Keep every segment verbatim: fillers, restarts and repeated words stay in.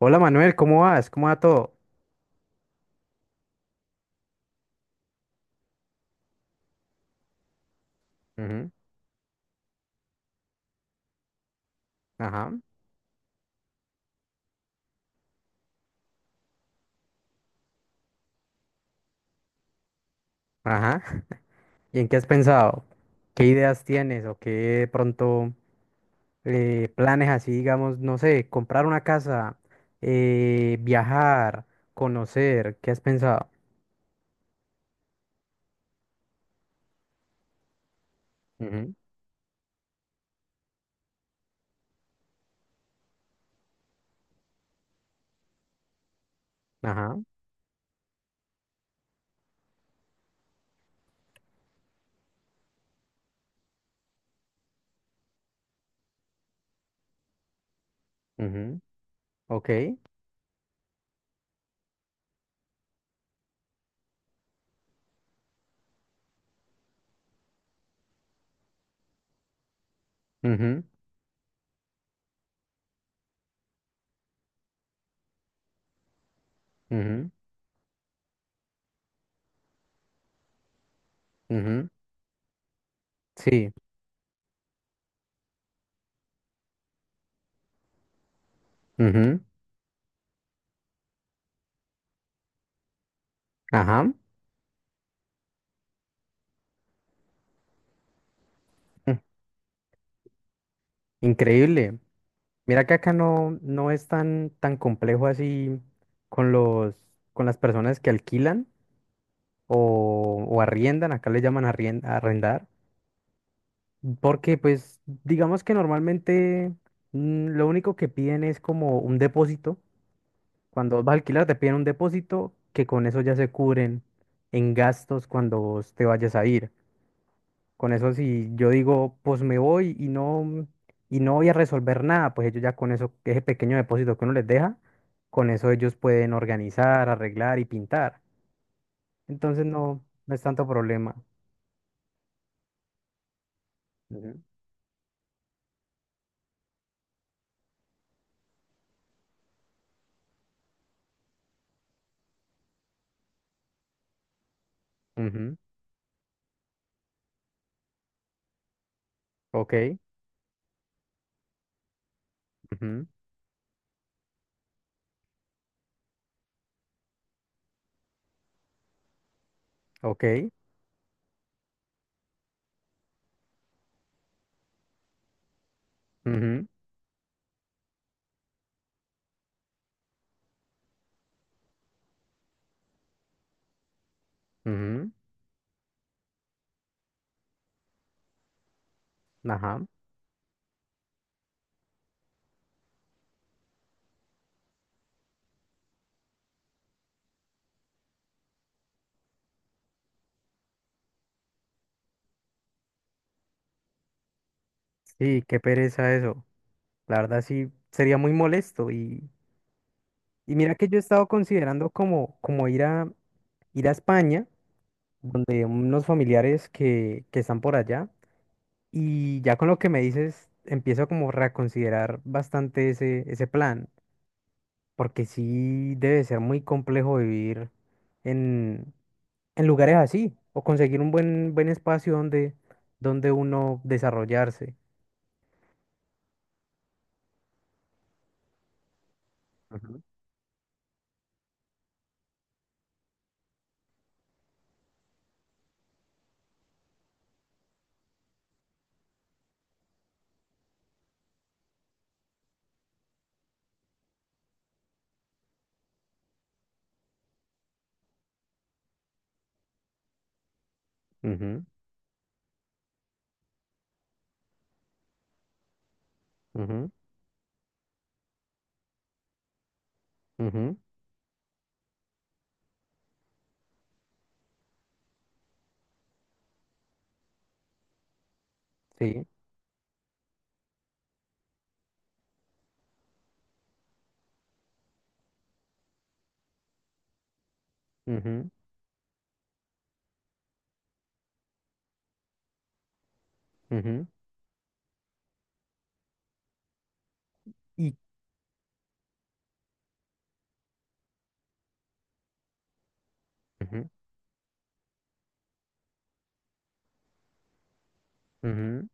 Hola Manuel, ¿cómo vas? ¿Cómo va todo? Ujú. Ajá, ajá. ¿Y en qué has pensado? ¿Qué ideas tienes o qué de pronto eh, planes así, digamos, no sé, comprar una casa, eh, viajar, conocer? ¿Qué has pensado? Ujú, ajá, ujú, ok. Ujú, ujú, ujú, sí, ujú, ajá, ujú. Increíble. Mira que acá no, no es tan, tan complejo así con los, con las personas que alquilan, o, o arriendan, acá le llaman arrien- arrendar, porque pues digamos que normalmente mm, lo único que piden es como un depósito, cuando vas a alquilar te piden un depósito que con eso ya se cubren en gastos cuando vos te vayas a ir. Con eso si yo digo, pues me voy y no, y no voy a resolver nada, pues ellos ya con eso, ese pequeño depósito que uno les deja, con eso ellos pueden organizar, arreglar y pintar. Entonces no, no es tanto problema. Ujú, ok, ujú, ok, ujú, ujú, ajá. Sí, qué pereza eso. La verdad sí sería muy molesto. Y, y mira que yo he estado considerando como, como ir a, ir a España, donde unos familiares que, que están por allá. Y ya con lo que me dices, empiezo como a reconsiderar bastante ese, ese plan, porque sí debe ser muy complejo vivir en lugares así o conseguir un buen, buen espacio donde, donde uno desarrollarse. Ujú, ujú, ujú, ujú, sí, ujú, ujú, y ujú, ujú,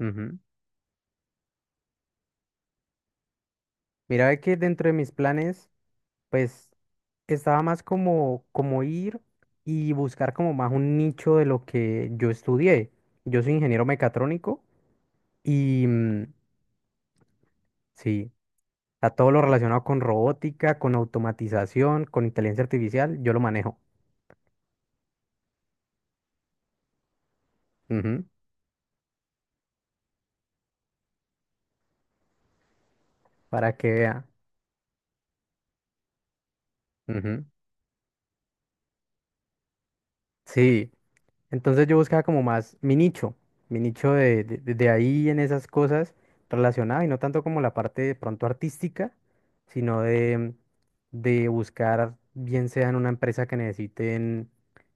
ujú. Mira ve que dentro de mis planes, pues estaba más como, como ir y buscar como más un nicho de lo que yo estudié. Yo soy ingeniero mecatrónico y mm, sí, a todo lo relacionado con robótica, con automatización, con inteligencia artificial, yo lo manejo. Ujú, para que vea. Ujú. Sí, entonces yo buscaba como más mi nicho, mi nicho de, de, de- de ahí en esas cosas relacionadas y no tanto como la parte de pronto artística, sino de, de buscar, bien sea en una empresa que necesiten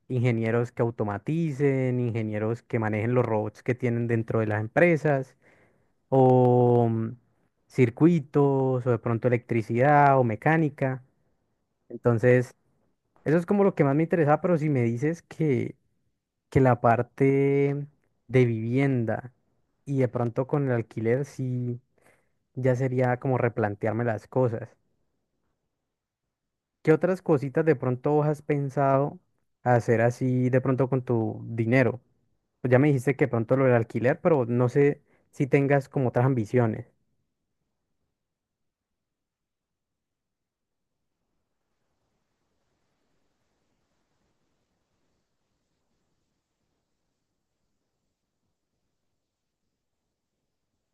ingenieros que automaticen, ingenieros que manejen los robots que tienen dentro de las empresas, o mm, circuitos, o de pronto electricidad o mecánica. Entonces... Eso es como lo que más me interesaba, pero si me dices que, que la parte de vivienda y de pronto con el alquiler, sí, ya sería como replantearme las cosas. ¿Qué otras cositas de pronto vos has pensado hacer así de pronto con tu dinero? Pues ya me dijiste que pronto lo del alquiler, pero no sé si tengas como otras ambiciones.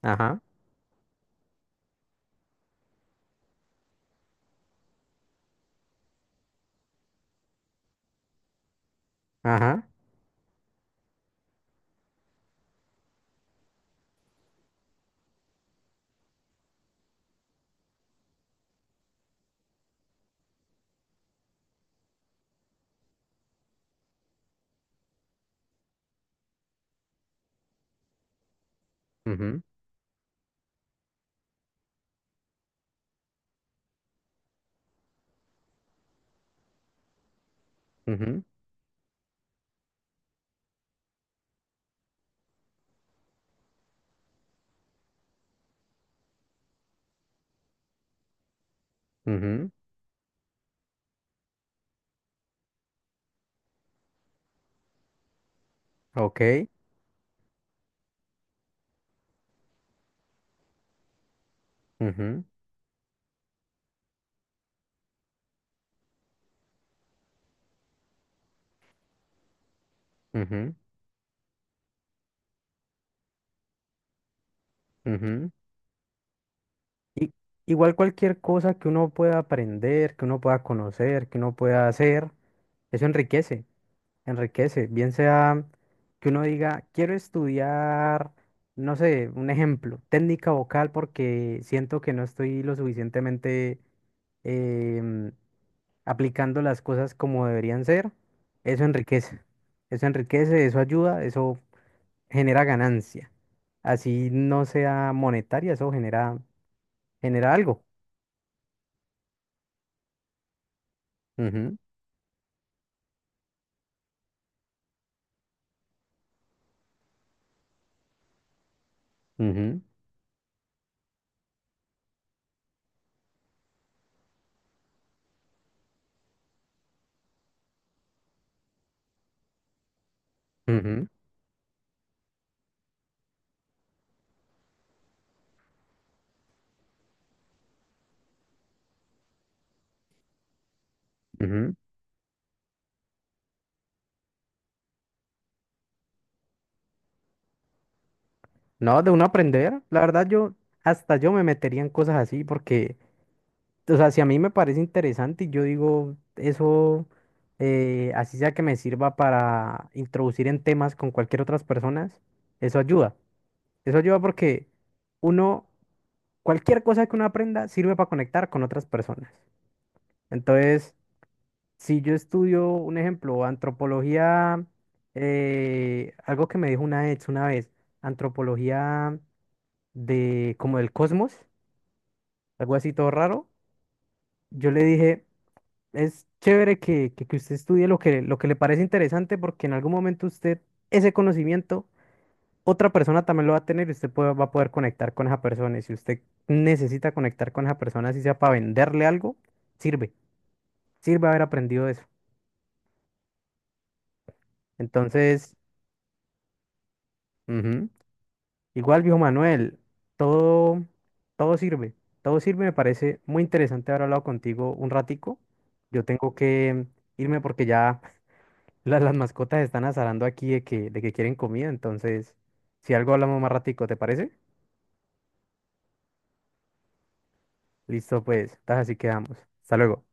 Ajá, ajá, mhm, mhm, mhm, ok, mhm, mhm. I- Igual cualquier cosa que uno pueda aprender, que uno pueda conocer, que uno pueda hacer, eso enriquece, enriquece. Bien sea que uno diga, quiero estudiar, no sé, un ejemplo, técnica vocal porque siento que no estoy lo suficientemente em, aplicando las cosas como deberían ser. Eso enriquece, eso enriquece, eso ayuda, eso genera ganancia. Así no sea monetaria, eso genera, genera algo. Ujú, ujú, ujú. No, de uno aprender, la verdad yo, hasta yo me metería en cosas así porque, o sea, si a mí me parece interesante y yo digo, eso, eh, así sea que me sirva para introducir en temas con cualquier otras personas, eso ayuda. Eso ayuda porque uno, cualquier cosa que uno aprenda sirve para conectar con otras personas. Entonces, si yo estudio, un ejemplo, antropología, eh, algo que me dijo una ex una vez, antropología de como del cosmos, algo así todo raro, yo le dije, es chévere que, que, que usted estudie lo que, lo que le parece interesante porque en algún momento usted ese conocimiento, otra persona también lo va a tener y usted puede- va a poder conectar con esa persona. Y si usted necesita conectar con esa persona, si sea para venderle algo, sirve, sirve haber aprendido eso. Entonces... Ujú. Igual, viejo Manuel, todo, todo sirve, todo sirve. Me parece muy interesante haber hablado contigo un ratico. Yo tengo que irme porque ya la- las mascotas están azarando aquí de que, de que quieren comida. Entonces, si algo hablamos más ratico, ¿te parece? Listo, pues, entonces así quedamos. Hasta luego.